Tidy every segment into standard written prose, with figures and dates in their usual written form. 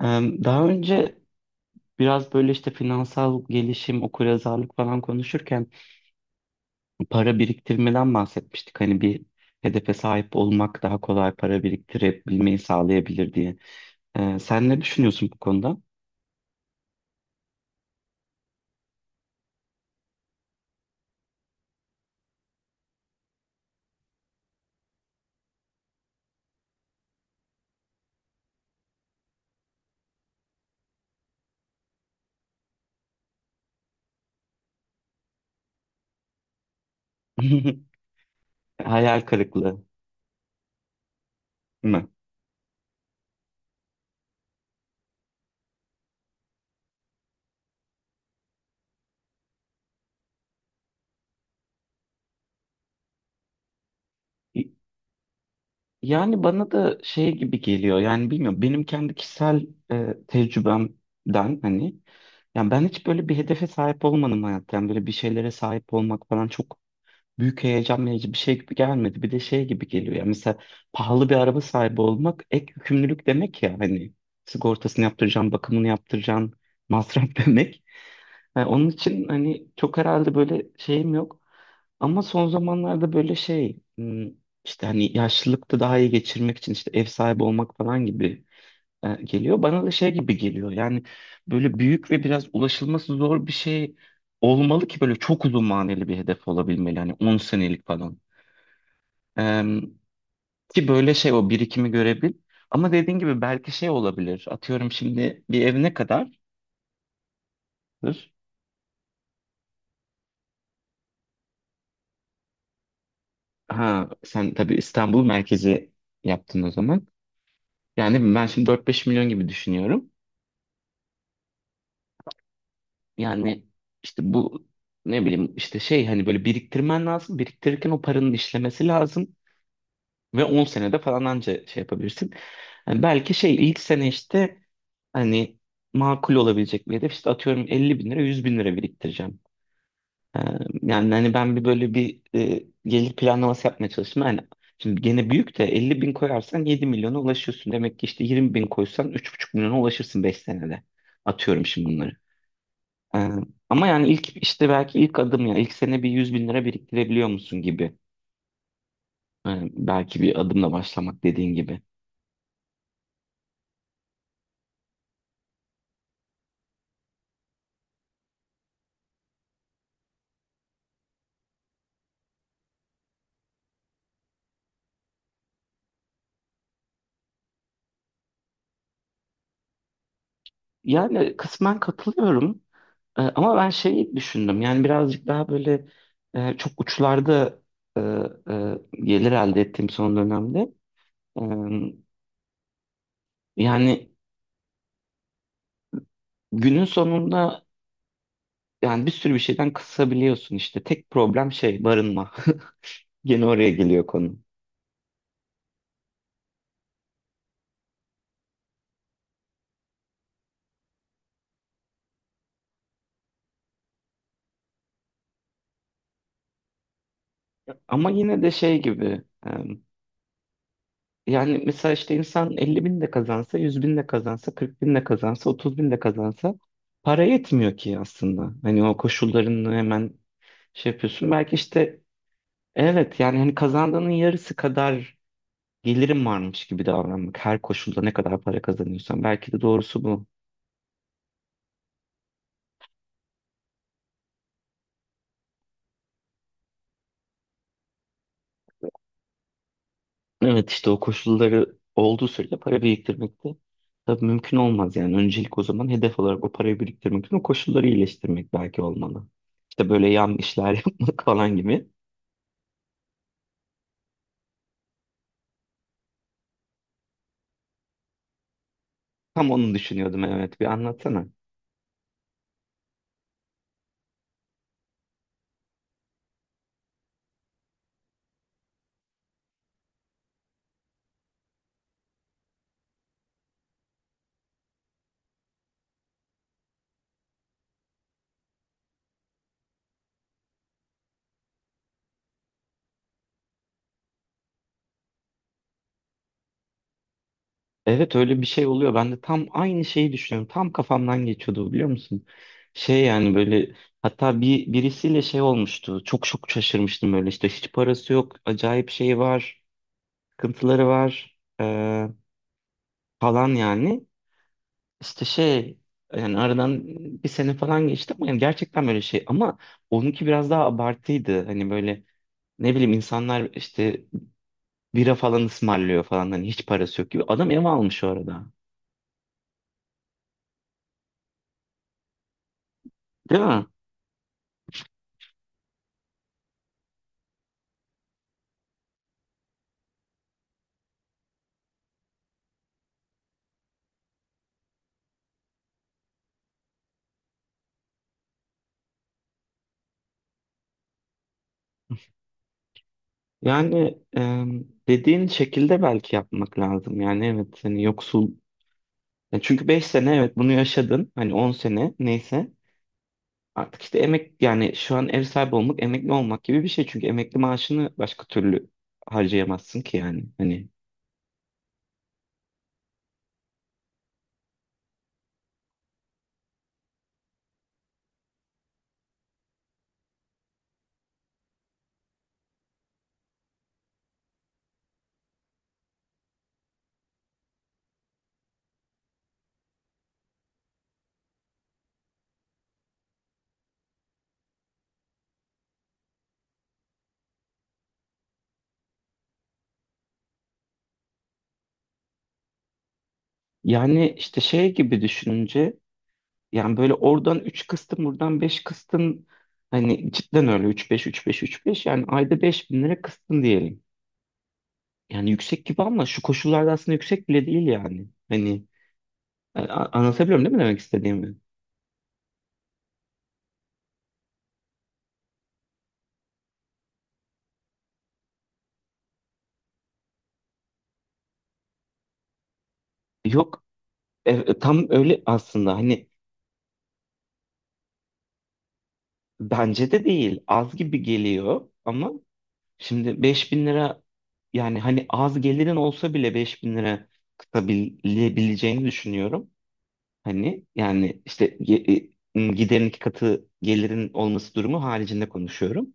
Daha önce biraz böyle işte finansal gelişim, okuryazarlık falan konuşurken para biriktirmeden bahsetmiştik. Hani bir hedefe sahip olmak daha kolay para biriktirebilmeyi sağlayabilir diye. Sen ne düşünüyorsun bu konuda? Hayal kırıklığı mı? Yani bana da şey gibi geliyor. Yani bilmiyorum. Benim kendi kişisel tecrübemden hani yani ben hiç böyle bir hedefe sahip olmadım hayatta. Yani böyle bir şeylere sahip olmak falan çok büyük heyecan verici bir şey gibi gelmedi. Bir de şey gibi geliyor ya, mesela pahalı bir araba sahibi olmak ek yükümlülük demek ya hani, sigortasını yaptıracaksın, bakımını yaptıracaksın, masraf demek. Yani onun için hani çok herhalde böyle şeyim yok. Ama son zamanlarda böyle şey işte hani yaşlılıkta daha iyi geçirmek için işte ev sahibi olmak falan gibi geliyor. Bana da şey gibi geliyor. Yani böyle büyük ve biraz ulaşılması zor bir şey olmalı ki böyle çok uzun maneli bir hedef olabilmeli. Hani 10 senelik falan. E, ki böyle şey o birikimi görebil. Ama dediğin gibi belki şey olabilir. Atıyorum şimdi, bir ev ne kadardır? Ha sen tabii İstanbul merkezi yaptın o zaman. Yani ben şimdi 4-5 milyon gibi düşünüyorum. Yani işte bu, ne bileyim işte şey, hani böyle biriktirmen lazım. Biriktirirken o paranın işlemesi lazım. Ve 10 senede falan anca şey yapabilirsin. Yani belki şey ilk sene, işte hani makul olabilecek bir hedef, işte atıyorum 50 bin lira 100 bin lira biriktireceğim. Ee, Yani hani ben bir böyle bir gelir planlaması yapmaya çalıştım. Yani şimdi gene büyük de 50 bin koyarsan 7 milyona ulaşıyorsun. Demek ki işte 20 bin koysan 3,5 milyona ulaşırsın 5 senede. Atıyorum şimdi bunları. Ee, Ama yani ilk işte, belki ilk adım, ya ilk sene bir 100 bin lira biriktirebiliyor musun gibi. Belki bir adımla başlamak, dediğin gibi. Yani kısmen katılıyorum. Ama ben şeyi düşündüm, yani birazcık daha böyle çok uçlarda gelir elde ettiğim son dönemde. E, yani günün sonunda, yani bir sürü bir şeyden kısabiliyorsun, işte tek problem şey, barınma gene oraya geliyor konu. Ama yine de şey gibi, yani mesela işte insan 50 bin de kazansa, 100 bin de kazansa, 40 bin de kazansa, 30 bin de kazansa para yetmiyor ki aslında. Hani o koşullarını hemen şey yapıyorsun. Belki işte. Evet, yani hani kazandığının yarısı kadar gelirim varmış gibi davranmak. Her koşulda, ne kadar para kazanıyorsan. Belki de doğrusu bu. Evet, işte o koşulları olduğu sürece para biriktirmek de tabii mümkün olmaz. Yani öncelik o zaman hedef olarak, o parayı biriktirmek için o koşulları iyileştirmek belki olmalı. İşte böyle yan işler yapmak falan gibi. Tam onu düşünüyordum, evet, bir anlatsana. Evet, öyle bir şey oluyor. Ben de tam aynı şeyi düşünüyorum. Tam kafamdan geçiyordu bu, biliyor musun? Şey yani, böyle hatta bir birisiyle şey olmuştu. Çok çok şaşırmıştım, böyle işte hiç parası yok. Acayip şey var. Sıkıntıları var, falan yani. İşte şey, yani aradan bir sene falan geçti ama yani gerçekten böyle şey. Ama onunki biraz daha abartıydı. Hani böyle ne bileyim, insanlar işte bira falan ısmarlıyor falan. Hani hiç parası yok gibi. Adam ev almış o arada. Değil mi? Yani dediğin şekilde belki yapmak lazım. Yani evet, hani yoksul. Ya çünkü 5 sene evet bunu yaşadın. Hani 10 sene neyse. Artık işte emek, yani şu an ev sahibi olmak emekli olmak gibi bir şey. Çünkü emekli maaşını başka türlü harcayamazsın ki yani. Hani yani işte şey gibi düşününce, yani böyle oradan 3 kıstın, buradan 5 kıstın, hani cidden, öyle üç beş üç beş üç beş, yani ayda 5 bin lira kıstın diyelim. Yani yüksek gibi ama şu koşullarda aslında yüksek bile değil yani. Hani anlatabiliyorum değil mi demek istediğimi? Yok, tam öyle aslında, hani bence de değil, az gibi geliyor ama şimdi 5 bin lira, yani hani az gelirin olsa bile 5 bin lira kıtabilebileceğini düşünüyorum. Hani yani işte giderin 2 katı gelirin olması durumu haricinde konuşuyorum.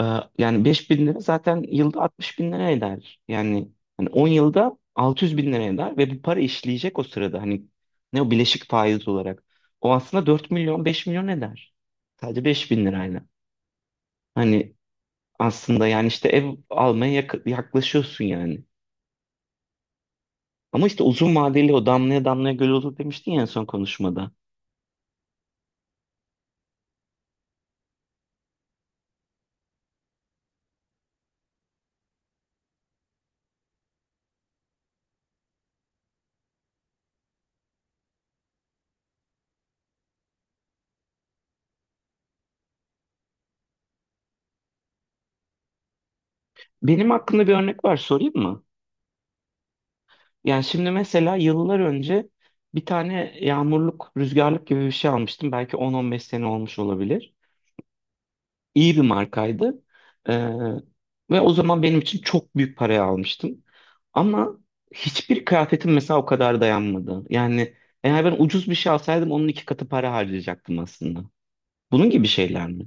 Ee, Yani 5 bin lira zaten yılda 60 bin lira eder. Yani hani 10 yılda 600 bin lira eder ve bu para işleyecek o sırada. Hani ne, o bileşik faiz olarak. O aslında 4 milyon 5 milyon eder. Sadece 5 bin lirayla. Hani aslında yani işte ev almaya yaklaşıyorsun yani. Ama işte uzun vadeli, o damlaya damlaya göl olur demiştin ya en son konuşmada. Benim aklımda bir örnek var, sorayım mı? Yani şimdi mesela yıllar önce bir tane yağmurluk, rüzgarlık gibi bir şey almıştım. Belki 10-15 sene olmuş olabilir. İyi bir markaydı. Ee, Ve o zaman benim için çok büyük paraya almıştım. Ama hiçbir kıyafetim mesela o kadar dayanmadı. Yani eğer ben ucuz bir şey alsaydım onun 2 katı para harcayacaktım aslında. Bunun gibi şeyler mi?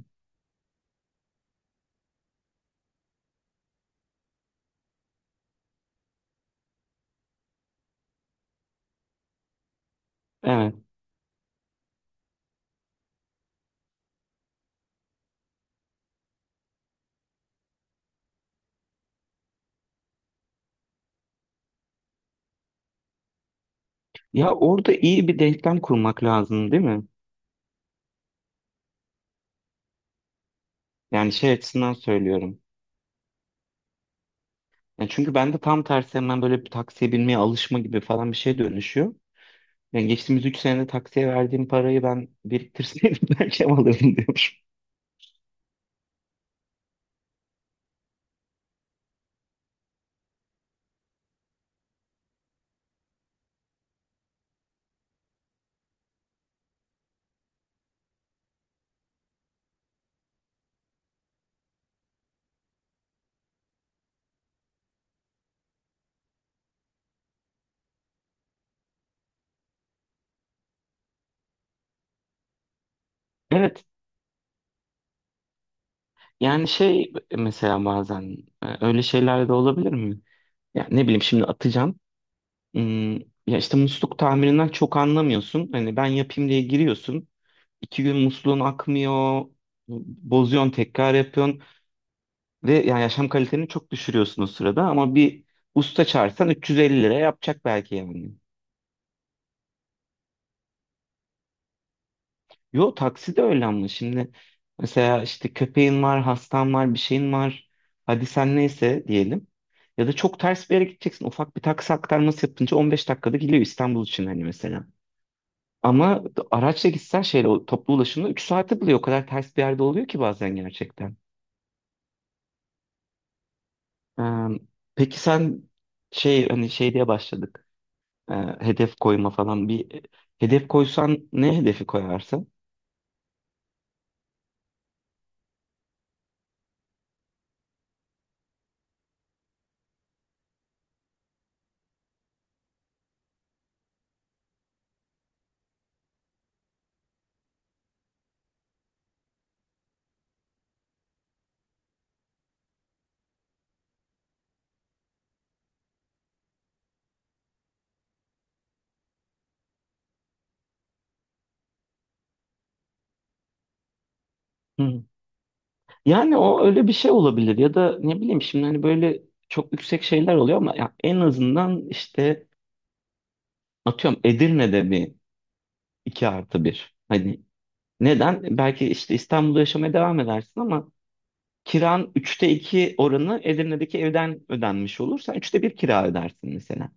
Evet. Ya orada iyi bir denklem kurmak lazım, değil mi? Yani şey açısından söylüyorum. Ya çünkü ben de tam tersi, hemen böyle bir taksiye binmeye alışma gibi falan bir şey dönüşüyor. Yani geçtiğimiz 3 senede taksiye verdiğim parayı ben biriktirseydim belki alırdım diyormuşum. Evet, yani şey mesela bazen öyle şeyler de olabilir mi? Ya ne bileyim şimdi, atacağım. Hmm, Ya işte musluk tamirinden çok anlamıyorsun. Hani ben yapayım diye giriyorsun. 2 gün musluğun akmıyor. Bozuyorsun, tekrar yapıyorsun. Ve yani yaşam kaliteni çok düşürüyorsun o sırada, ama bir usta çağırsan 350 lira yapacak belki yani. Yo taksi de öyle, ama şimdi mesela işte köpeğin var, hastan var, bir şeyin var. Hadi sen neyse diyelim. Ya da çok ters bir yere gideceksin. Ufak bir taksi aktarması yapınca 15 dakikada geliyor İstanbul için hani mesela. Ama araçla gitsen şeyle, o toplu ulaşımla 3 saati buluyor. O kadar ters bir yerde oluyor ki bazen, gerçekten. Ee, peki sen, şey hani şey diye başladık. Ee, Hedef koyma falan, bir hedef koysan ne hedefi koyarsın? Hı. Yani o öyle bir şey olabilir ya da ne bileyim şimdi, hani böyle çok yüksek şeyler oluyor ama ya en azından işte atıyorum Edirne'de bir 2+1. Hani neden? Belki işte İstanbul'da yaşamaya devam edersin ama kiran 2/3 oranı Edirne'deki evden ödenmiş olur. Sen 3'te 1 kira ödersin mesela.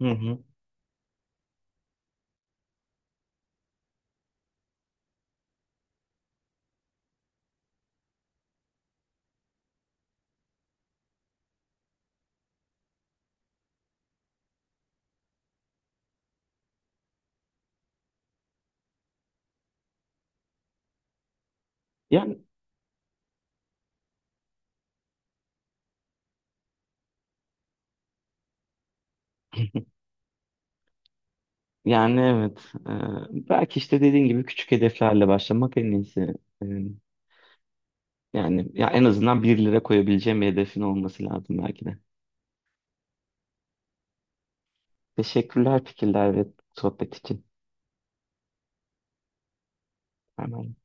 Hı hı. Yani, yani, evet. Belki işte dediğin gibi küçük hedeflerle başlamak en iyisi. Ee, Yani ya en azından 1 lira koyabileceğim bir hedefin olması lazım belki de. Teşekkürler, fikirler ve sohbet için. Erman.